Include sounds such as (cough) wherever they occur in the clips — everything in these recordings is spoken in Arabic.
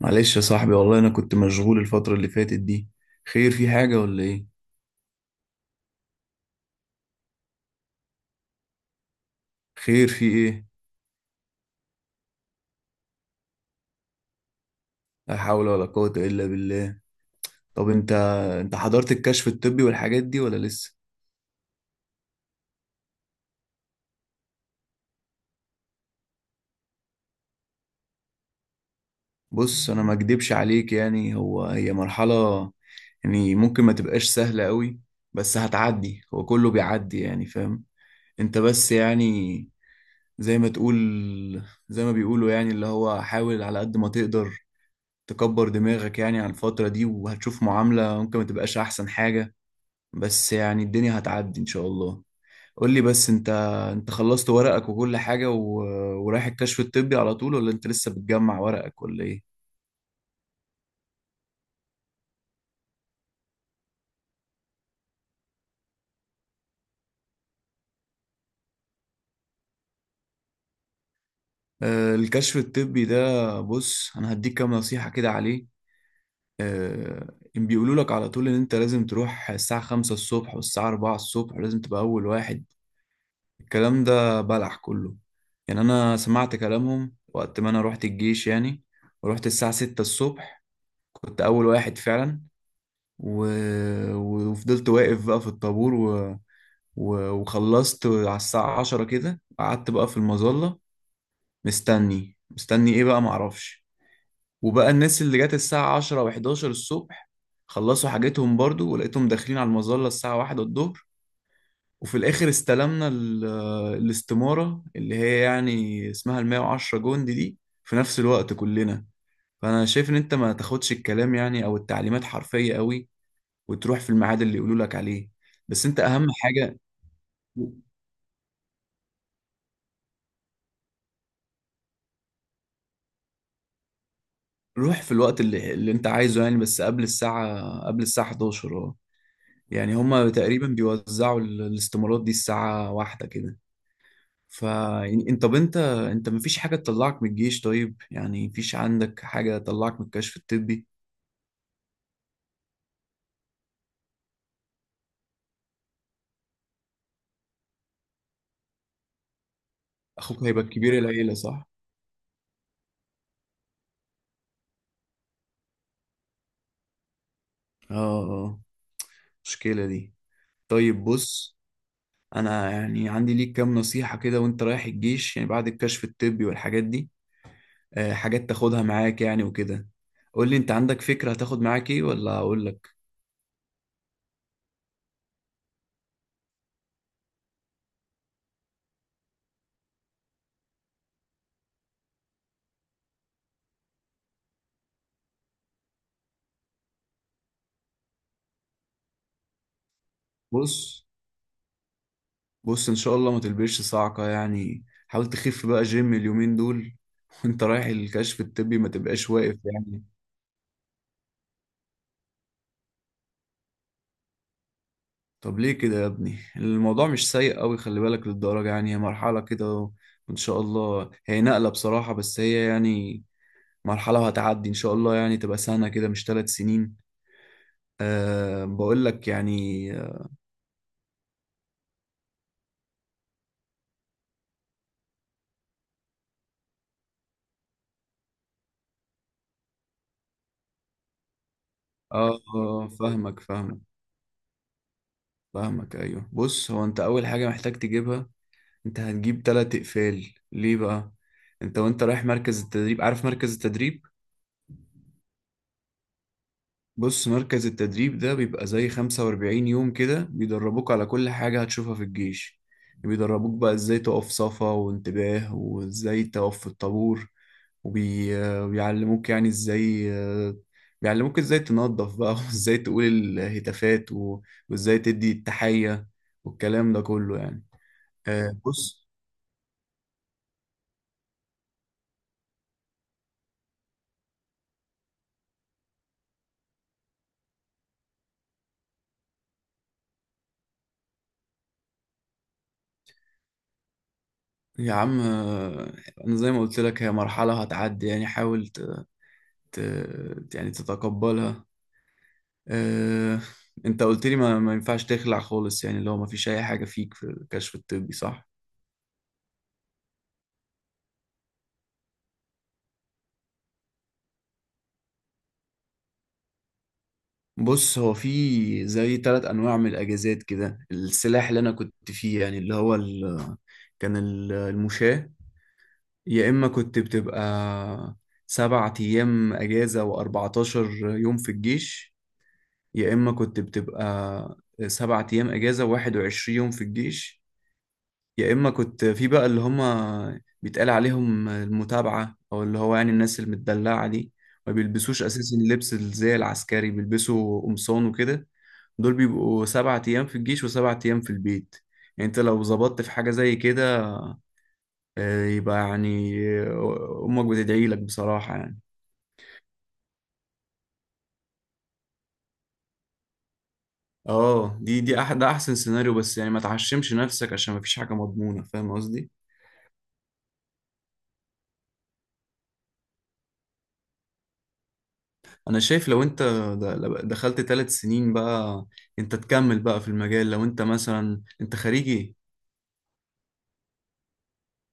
معلش يا صاحبي، والله انا كنت مشغول الفترة اللي فاتت دي. خير، في حاجة ولا ايه؟ خير في ايه؟ لا حول ولا قوة الا بالله. طب انت حضرت الكشف الطبي والحاجات دي ولا لسه؟ بص، انا ما اكدبش عليك، يعني هو هي مرحلة، يعني ممكن ما تبقاش سهلة قوي، بس هتعدي، هو كله بيعدي، يعني فاهم؟ انت بس يعني زي ما تقول، زي ما بيقولوا، يعني اللي هو حاول على قد ما تقدر تكبر دماغك يعني على الفترة دي، وهتشوف معاملة ممكن ما تبقاش احسن حاجة، بس يعني الدنيا هتعدي ان شاء الله. قول لي بس انت، انت خلصت ورقك وكل حاجة ورايح الكشف الطبي على طول، ولا انت لسه بتجمع ورقك ولا ايه؟ آه، الكشف الطبي ده، بص انا هديك كام نصيحة كده عليه. آه، إن بيقولوا لك على طول ان انت لازم تروح الساعة 5 الصبح والساعة 4 الصبح، ولازم تبقى اول واحد. الكلام ده بلح كله. يعني انا سمعت كلامهم وقت ما انا رحت الجيش، يعني ورحت الساعة 6 الصبح، كنت اول واحد فعلا، و... وفضلت واقف بقى في الطابور، وخلصت على الساعة 10 كده، قعدت بقى في المظلة، مستني مستني ايه بقى معرفش. وبقى الناس اللي جت الساعة 10 و11 الصبح خلصوا حاجتهم برضو، ولقيتهم داخلين على المظلة الساعة 1 الظهر. وفي الآخر استلمنا الاستمارة اللي هي يعني اسمها 110 جندي دي في نفس الوقت كلنا. فأنا شايف إن أنت ما تاخدش الكلام، يعني أو التعليمات، حرفية قوي، وتروح في الميعاد اللي يقولوا لك عليه، بس انت اهم حاجة. روح في الوقت اللي انت عايزه، يعني بس قبل الساعة، قبل الساعة 11، اه. يعني هما تقريبا بيوزعوا الاستمارات دي الساعة 1 كده. ف يعني انت، طب انت مفيش حاجة تطلعك من الجيش، طيب يعني مفيش عندك حاجة تطلعك من الكشف الطبي؟ اخوك هيبقى كبير العيلة صح؟ اه. اه. مشكلة دي. طيب بص، انا يعني عندي ليك كام نصيحة كده وانت رايح الجيش، يعني بعد الكشف الطبي والحاجات دي. آه، حاجات تاخدها معاك يعني وكده. قول لي انت عندك فكرة هتاخد معاك ايه، ولا اقول لك؟ بص. بص، ان شاء الله ما تلبسش صاعقة، يعني حاول تخف بقى جيم اليومين دول (laughs) وانت رايح الكشف الطبي ما تبقاش واقف يعني. طب ليه كده يا ابني؟ الموضوع مش سيء قوي، خلي بالك للدرجة، يعني هي مرحلة كده، وان شاء الله هي نقلة بصراحة، بس هي يعني مرحلة وهتعدي ان شاء الله، يعني تبقى سنة كده مش 3 سنين. أه، بقول لك يعني اه. آه. آه، فاهمك فاهمك. فاهمك، ايوه، بص هو انت اول حاجه محتاج تجيبها، انت هتجيب تلات اقفال، ليه بقى؟ انت وانت رايح مركز التدريب، عارف مركز التدريب؟ بص، مركز التدريب ده بيبقى زي 45 يوم كده، بيدربوك على كل حاجه هتشوفها في الجيش، بيدربوك بقى ازاي تقف صفا وانتباه، وازاي تقف في الطابور، وبيعلموك يعني ازاي، آه، بيعلموك ازاي تنظف بقى (laughs) وازاي تقول الهتافات، وازاي تدي التحيه، والكلام ده كله يعني. آه، بص يا عم، آه، انا زي ما قلت لك هي مرحلة هتعدي، يعني حاول ت... يعني تتقبلها. آه، انت قلت لي ما ينفعش تخلع خالص، يعني اللي هو ما فيش اي حاجة فيك في الكشف الطبي صح؟ بص، هو في زي ثلاث انواع من الاجازات كده، السلاح اللي انا كنت فيه، يعني اللي هو كان المشاة. يا اما كنت بتبقى 7 ايام اجازة و14 يوم في الجيش. يا إما كنت بتبقى 7 أيام إجازة وواحد وعشرين يوم في الجيش. يا إما كنت في بقى اللي هما بيتقال عليهم المتابعة، أو اللي هو يعني الناس المدلعة دي، ما بيلبسوش أساسا اللبس زي العسكري، بيلبسوا قمصان وكده. دول بيبقوا 7 أيام في الجيش وسبعة أيام في البيت. يعني أنت لو ظبطت في حاجة زي كده، آه، يبقى يعني، آه، أمك بتدعي لك بصراحة يعني. اه، دي دي أح ده أحسن سيناريو، بس يعني ما تعشمش نفسك عشان ما فيش حاجة مضمونة، فاهم قصدي؟ انا شايف لو انت دخلت 3 سنين بقى، انت تكمل بقى في المجال، لو انت مثلا انت خريجي،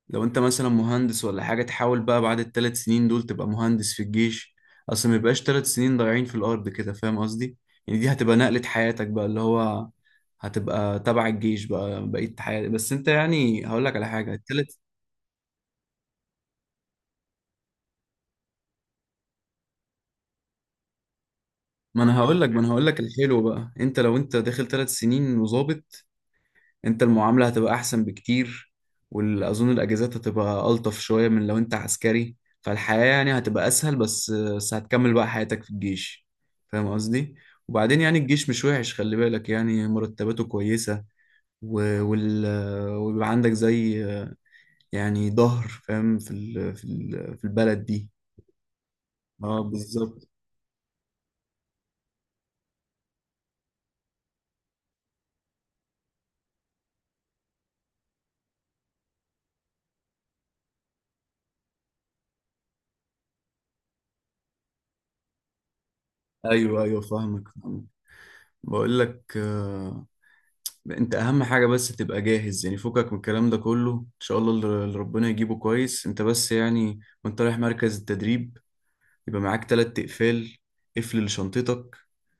لو انت مثلا مهندس ولا حاجة، تحاول بقى بعد ال3 سنين دول تبقى مهندس في الجيش، اصل ما يبقاش 3 سنين ضايعين في الارض كده، فاهم قصدي؟ يعني دي هتبقى نقلة حياتك بقى، اللي هو هتبقى تبع الجيش بقى بقية حياتك، بس انت يعني هقول لك على حاجة، الثلاث ما انا هقول لك الحلو بقى، انت لو انت داخل 3 سنين وظابط، انت المعاملة هتبقى احسن بكتير، واظن الاجازات هتبقى الطف شوية من لو انت عسكري، فالحياة يعني هتبقى اسهل، بس هتكمل بقى حياتك في الجيش، فاهم قصدي؟ وبعدين يعني الجيش مش وحش، خلي بالك، يعني مرتباته كويسة، و- وال... ويبقى عندك زي، يعني ظهر فاهم في البلد دي. اه، بالظبط. ايوه ايوه فاهمك فاهمك. بقول لك، آه، انت اهم حاجة بس تبقى جاهز، يعني فكك من الكلام ده كله ان شاء الله، اللي ربنا يجيبه كويس، انت بس يعني وانت رايح مركز التدريب يبقى معاك تلات اقفال، قفل لشنطتك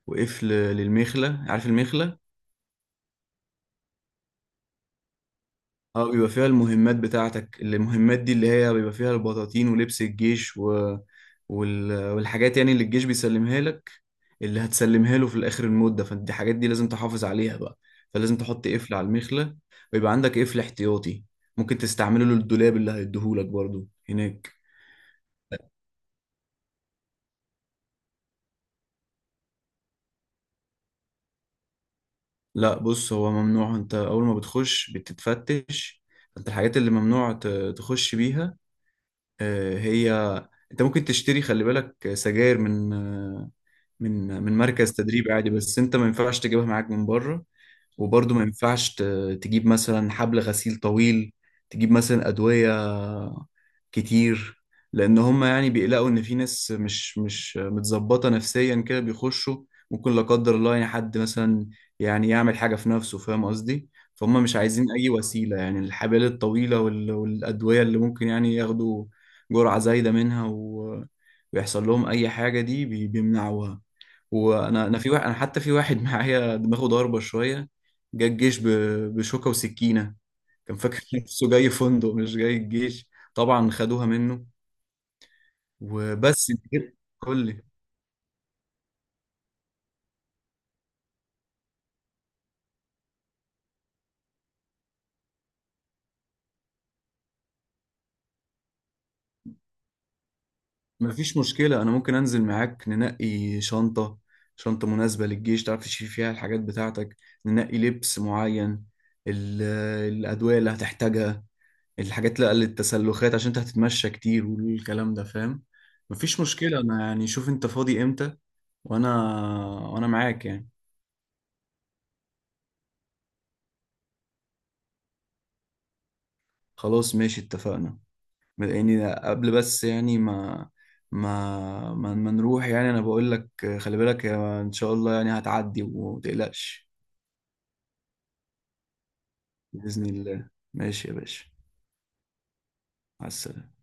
وقفل للمخلة، عارف المخلة؟ اه، بيبقى فيها المهمات بتاعتك، المهمات دي اللي هي بيبقى فيها البطاطين ولبس الجيش، والحاجات يعني اللي الجيش بيسلمها لك، اللي هتسلمها له في الاخر المدة، فانت دي حاجات دي لازم تحافظ عليها بقى، فلازم تحط قفل على المخلة، ويبقى عندك قفل احتياطي ممكن تستعمله للدولاب اللي هيديهولك برضو هناك. لا، بص هو ممنوع، انت اول ما بتخش بتتفتش، انت الحاجات اللي ممنوع تخش بيها، آه، هي انت ممكن تشتري، خلي بالك، سجاير من، آه، من مركز تدريب عادي، بس انت ما ينفعش تجيبها معاك من بره. وبرضه ما ينفعش تجيب مثلا حبل غسيل طويل، تجيب مثلا أدوية كتير، لأن هم يعني بيقلقوا إن في ناس مش متظبطة نفسيا كده بيخشوا، ممكن لا قدر الله يعني حد مثلا يعني يعمل حاجة في نفسه، فاهم قصدي؟ فهم مش عايزين أي وسيلة، يعني الحبال الطويلة والأدوية اللي ممكن يعني ياخدوا جرعة زايدة منها، ويحصل لهم أي حاجة، دي بيمنعوها. وانا في واحد، انا حتى في واحد (laughs) معايا دماغه ضاربه شويه، جه الجيش بشوكه وسكينه، كان فاكر (laughs) نفسه جاي فندق مش جاي الجيش، طبعا خدوها منه، وبس انت كده. قول لي. مفيش مشكله، انا ممكن انزل معاك ننقي شنطه، شنطه مناسبه للجيش تعرف تشيل فيها الحاجات بتاعتك، ننقي لبس معين، ال- الادويه اللي هتحتاجها، الحاجات لا للتسلخات عشان انت هتتمشى كتير والكلام ده، فاهم؟ مفيش مشكله، انا يعني شوف انت فاضي امتى، وانا وانا معاك يعني. خلاص ماشي، اتفقنا، يعني قبل بس يعني ما نروح، يعني انا بقول لك خلي بالك يا، ان شاء الله يعني هتعدي وما تقلقش. بإذن الله، ماشي يا باشا. مع السلامة.